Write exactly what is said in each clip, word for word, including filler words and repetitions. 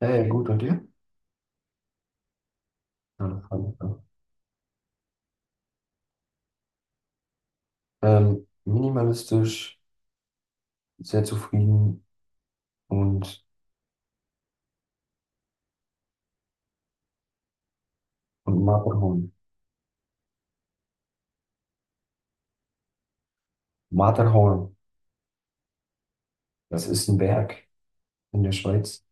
Hey, gut, und dir? Ja, das freut mich doch. Ähm, minimalistisch, sehr zufrieden und, und Matterhorn. Matterhorn, das ist ein Berg in der Schweiz.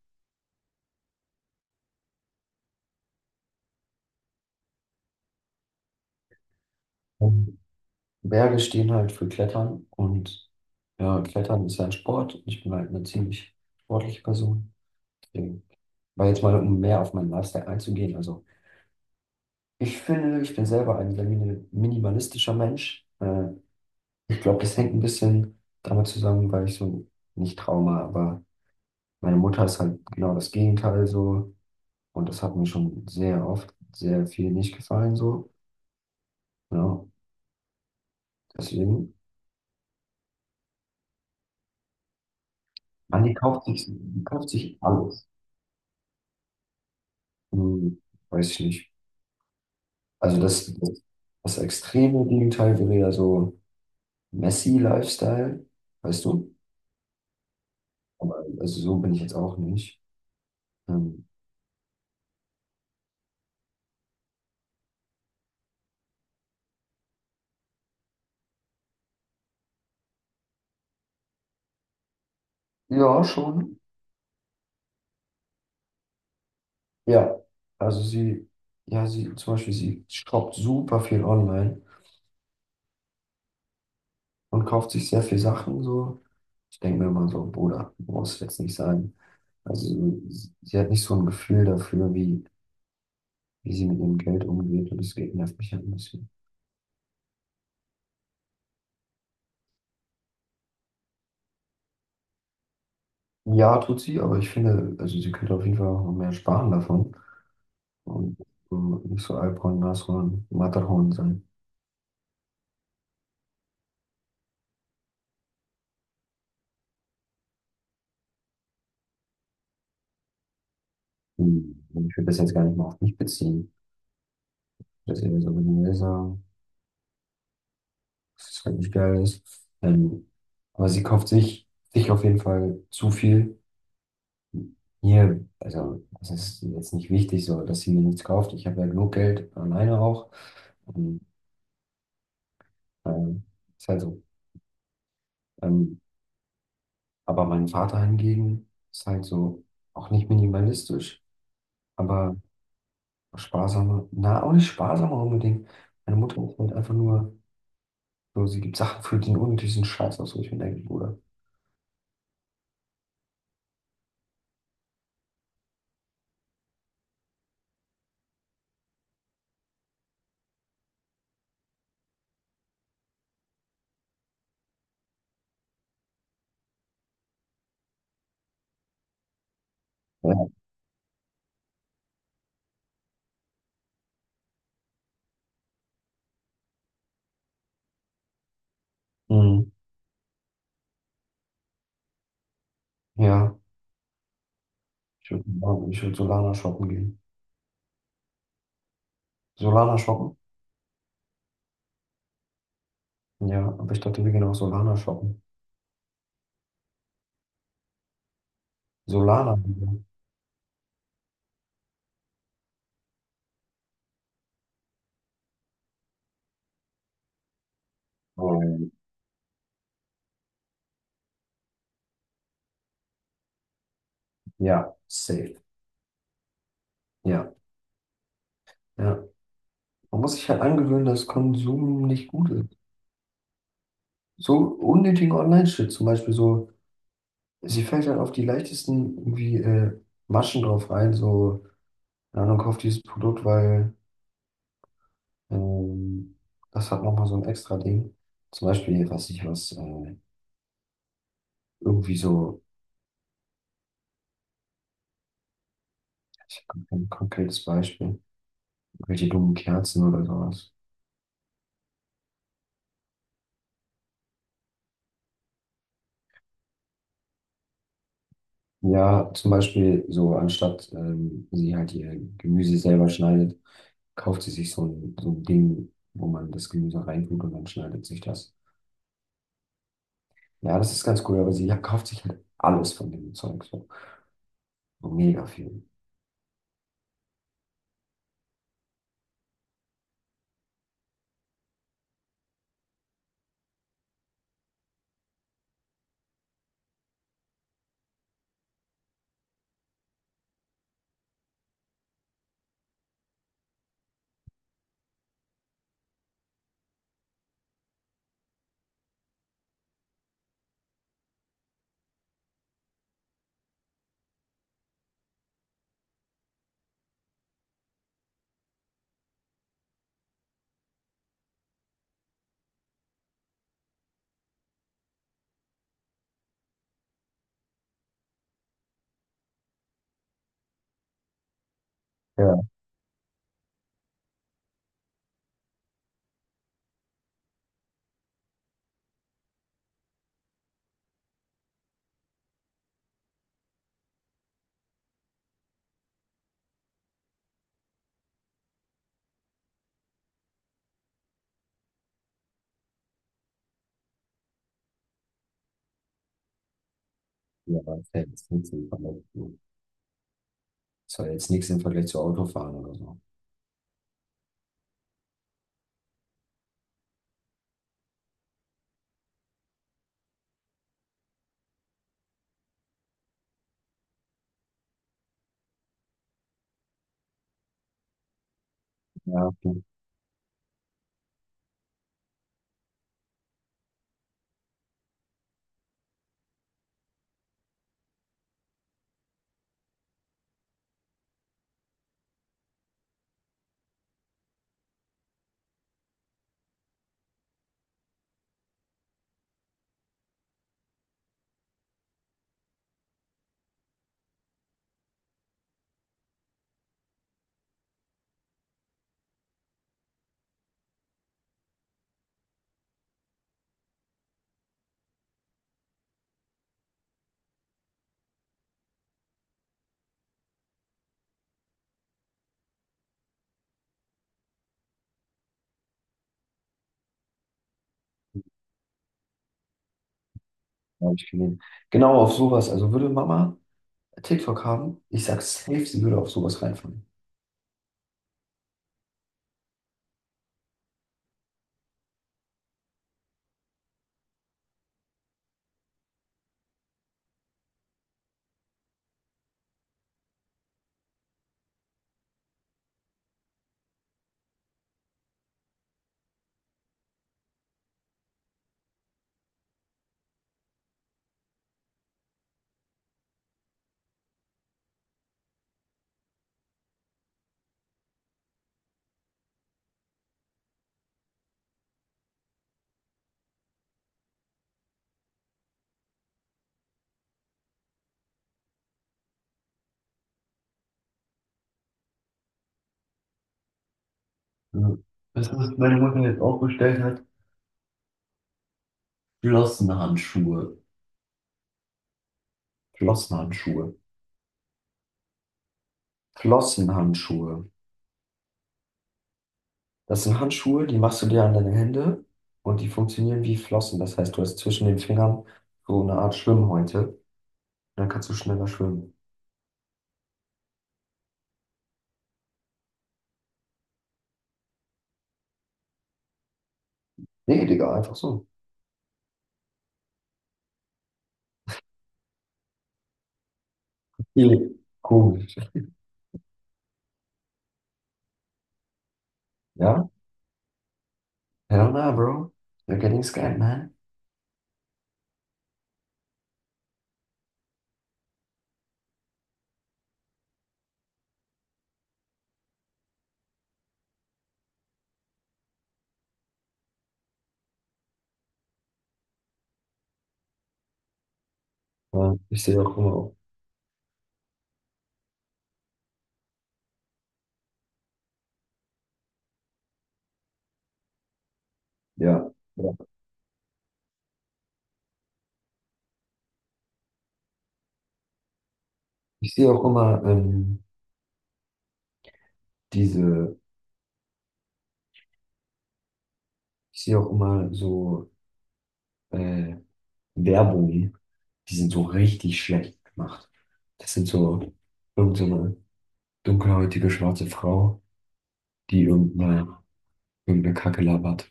Und Berge stehen halt für Klettern und ja, Klettern ist ja ein Sport. Ich bin halt eine ziemlich sportliche Person. Deswegen war jetzt mal, um mehr auf meinen Lifestyle einzugehen. Also, ich finde, ich bin selber ein sehr mini- minimalistischer Mensch. Äh, ich glaube, das hängt ein bisschen damit zusammen, weil ich so nicht Trauma, aber. Meine Mutter ist halt genau das Gegenteil so und das hat mir schon sehr oft sehr viel nicht gefallen so. Ja, deswegen, man, die kauft sich, die kauft sich alles. Hm, weiß ich nicht. Also das, das, das extreme Gegenteil wäre ja so Messi-Lifestyle, weißt du? Aber also so bin ich jetzt auch nicht. Ähm, ja, schon. Ja, also sie, ja, sie, zum Beispiel, sie shoppt super viel online. Und kauft sich sehr viel Sachen so. Ich denke mir immer so, Bruder, du brauchst jetzt nicht sagen. Also sie sie hat nicht so ein Gefühl dafür, wie, wie sie mit ihrem Geld umgeht und deswegen nervt mich halt ein bisschen. Ja, tut sie, aber ich finde, also sie könnte auf jeden Fall auch noch mehr sparen davon und ähm, nicht so Alphorn, Nashorn, Matterhorn sein. Hm, ich will das jetzt gar nicht mal auf mich beziehen. Das ist eher so generell sagen, dass es halt nicht geil ist. Ähm, aber sie kauft sich, sich auf jeden Fall zu viel. Hier, also es ist jetzt nicht wichtig so, dass sie mir nichts kauft. Ich habe ja genug Geld alleine auch. Und, ähm, ist halt so. Ähm, aber mein Vater hingegen ist halt so auch nicht minimalistisch, aber sparsamer. Na, auch nicht sparsamer unbedingt. Meine Mutter ist halt einfach nur so, sie gibt Sachen für den unnötigsten Scheiß aus, wo ich mir denke, Bruder. Ja, mhm, ja. ich würde Ich würd Solana shoppen gehen. Solana shoppen? Ja, aber ich dachte, wir gehen auch Solana shoppen. Solana. Oh. Ja, safe. Ja, ja. Man muss sich halt angewöhnen, dass Konsum nicht gut ist. So unnötigen Online-Shit zum Beispiel so, sie fällt halt auf die leichtesten irgendwie äh, Maschen drauf rein, so, keine Ahnung, kauft dieses Produkt, weil ähm, das hat nochmal so ein extra Ding. Zum Beispiel, was ich was, äh, irgendwie so, ich habe kein konkretes Beispiel, welche dummen Kerzen oder sowas. Ja, zum Beispiel so, anstatt ähm, sie halt ihr Gemüse selber schneidet, kauft sie sich so ein, so ein Ding, wo man das Gemüse reintut und dann schneidet sich das. Ja, das ist ganz cool, aber sie kauft sich halt alles von dem Zeug. So. So Mega viel. Ja, ja, aber das ist ja jetzt nichts im Vergleich zu, das war jetzt nichts im Vergleich zu Autofahren oder so. Ja, okay. Hab ich gesehen. Genau auf sowas. Also würde Mama TikTok haben, ich sag safe, sie würde auf sowas reinfallen. Ja. Das, was meine Mutter jetzt auch bestellt hat, Flossenhandschuhe. Flossenhandschuhe. Flossenhandschuhe. Das sind Handschuhe, die machst du dir an deine Hände und die funktionieren wie Flossen. Das heißt, du hast zwischen den Fingern so eine Art Schwimmhäute. Und dann kannst du schneller schwimmen. Nee, Digga, einfach so. Viel komisch. Ja? Hell nah, bro. You're getting scared, man. Ja, ich sehe auch immer auf. Ja, ja. Ich sehe auch immer ähm, diese, ich sehe auch immer so äh, Werbungen, die sind so richtig schlecht gemacht. Das sind so irgendeine so eine dunkelhäutige schwarze Frau, die irgendeine irgendeine Kacke labert.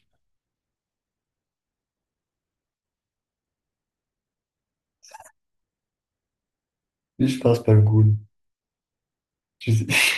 Viel Spaß beim Guten. Tschüssi.